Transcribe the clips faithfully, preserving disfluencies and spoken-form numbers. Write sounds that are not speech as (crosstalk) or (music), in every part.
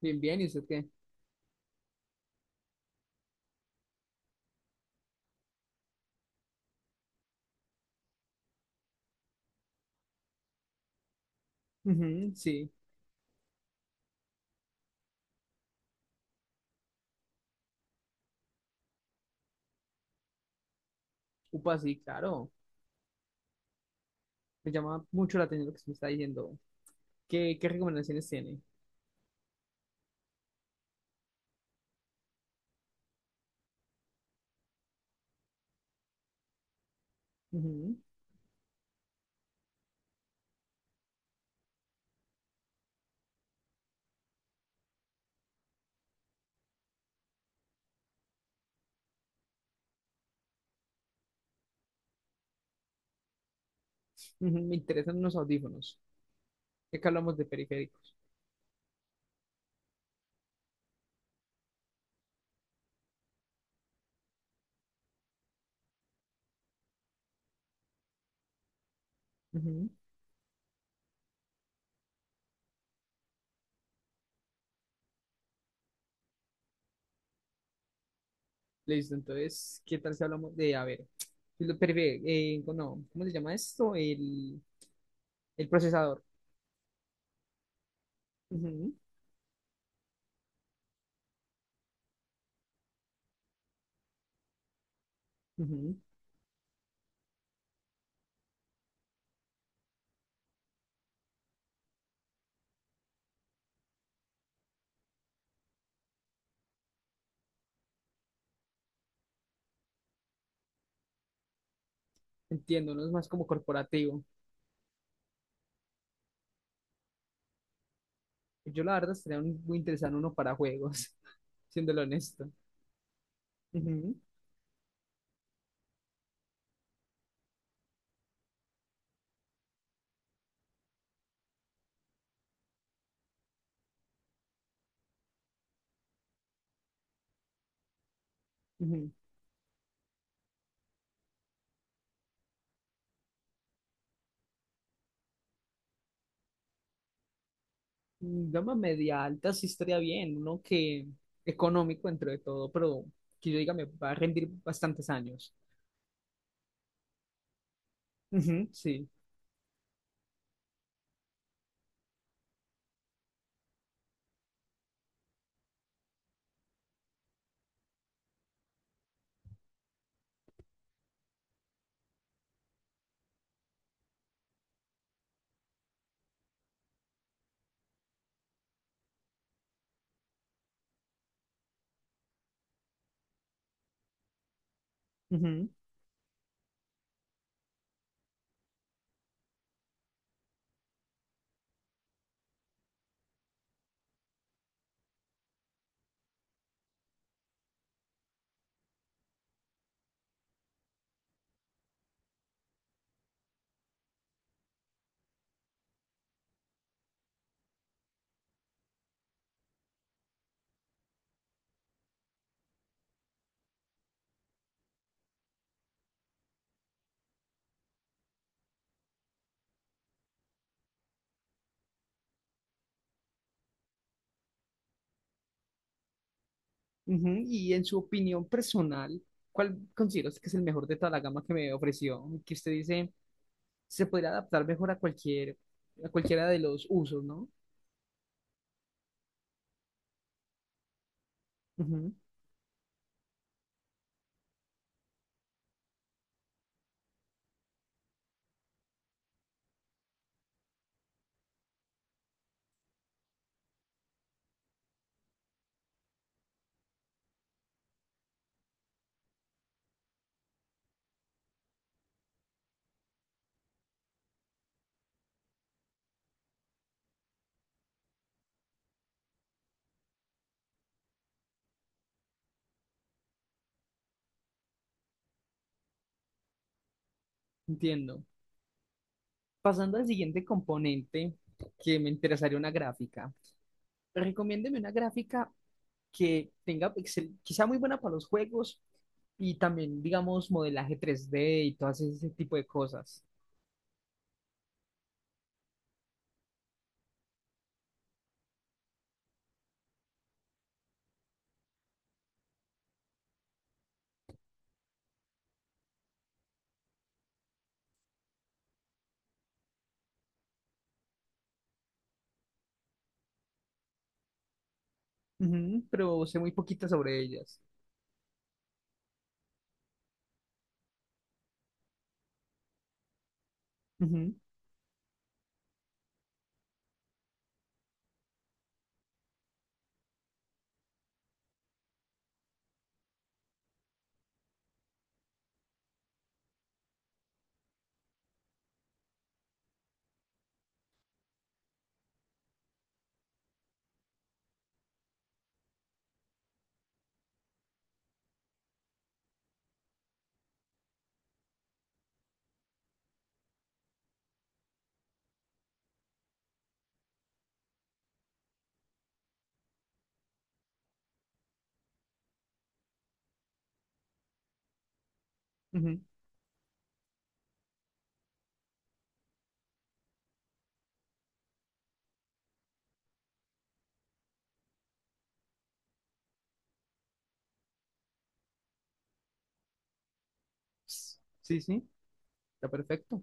Bien, bien, ¿y usted qué? Ujú, sí. Upa, sí, claro. Me llama mucho la atención lo que se me está diciendo. ¿Qué, qué recomendaciones tiene? Ujú, ujú, me interesan unos audífonos. Ya que hablamos de periféricos. Ujú, listo. Entonces, ¿qué tal si hablamos de, a ver, el perife- eh, no, ¿cómo se llama esto? El, el procesador. Ujú, ujú. Entiendo, no es más como corporativo. Yo la verdad estaría un- muy interesante uno para juegos, (laughs) siéndolo honesto. Ujú, ujú. Mm, gama media alta sí estaría bien, uno que económico entre de todo, pero que yo diga me va a rendir bastantes años. Ujú, sí. Ujú, ujú. Y en su opinión personal, ¿cuál considera usted que es el mejor de toda la gama que me ofreció? Que usted dice se podría adaptar mejor a cualquier, a cualquiera de los usos, ¿no? Ujú, entiendo. Pasando al siguiente componente, que me interesaría una gráfica. Recomiéndeme una gráfica que tenga excel- que sea muy buena para los juegos y también, digamos, modelaje tres D y todo ese tipo de cosas. Ujú, pero sé muy poquita sobre ellas. Ujú, ujú. Sí, sí, está perfecto.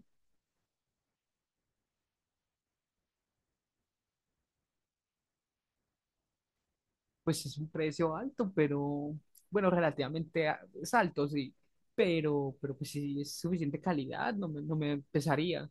Pues es un precio alto, pero bueno, relativamente a- es alto, sí. Pero, pero pues sí, es suficiente calidad, no me, no me pesaría.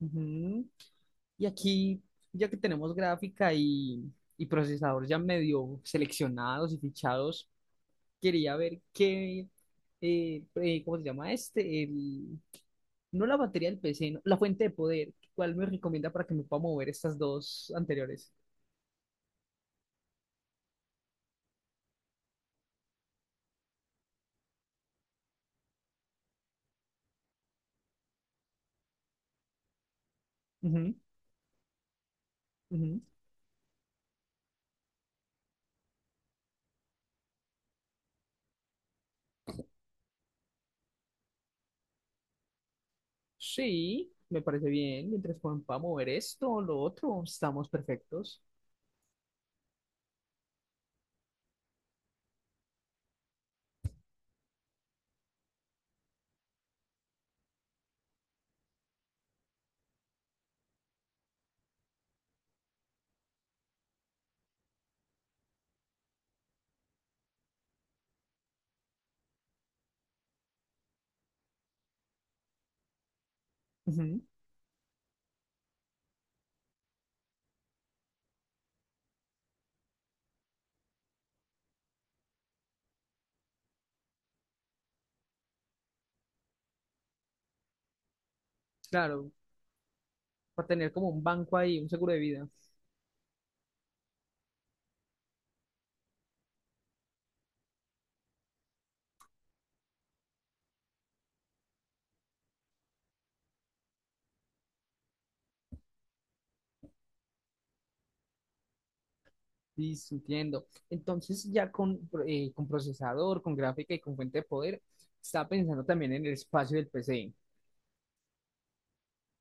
Ujú. Y aquí, ya que tenemos gráfica y, y procesador ya medio seleccionados y fichados, quería ver qué, eh, eh, ¿cómo se llama este? El, no la batería del P C, no, la fuente de poder. ¿Cuál me recomienda para que me pueda mover estas dos anteriores? Ujú, ujú. Sí, me parece bien. Mientras pueda pueda mover esto o lo otro, estamos perfectos. Ujú. Claro, para tener como un banco ahí, un seguro de vida. Sí, sí, entiendo. Entonces, ya con, eh, con procesador, con gráfica y con fuente de poder, estaba pensando también en el espacio del P C,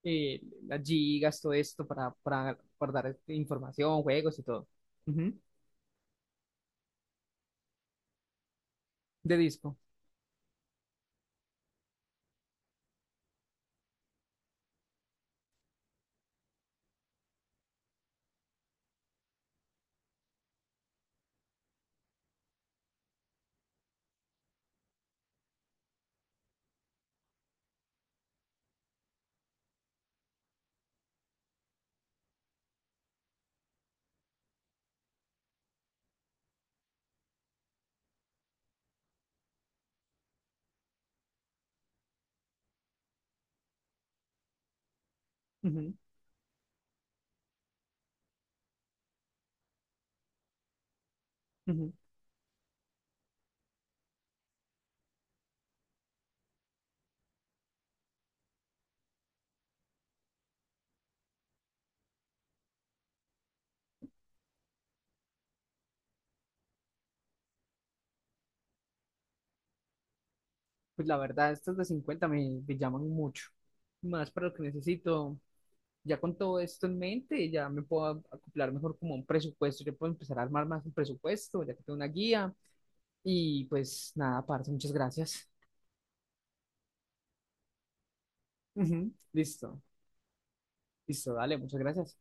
eh, las gigas, todo esto para, para guardar este, información, juegos y todo. Ujú. De disco. Ujú, ujú. Pues la verdad, estas de cincuenta me, me llaman mucho. Más para lo que necesito. Ya con todo esto en mente, ya me puedo a- acoplar mejor como a un presupuesto. Yo puedo empezar a armar más un presupuesto, ya que tengo una guía. Y pues nada, parce, muchas gracias. Ujú, listo, listo, dale, muchas gracias.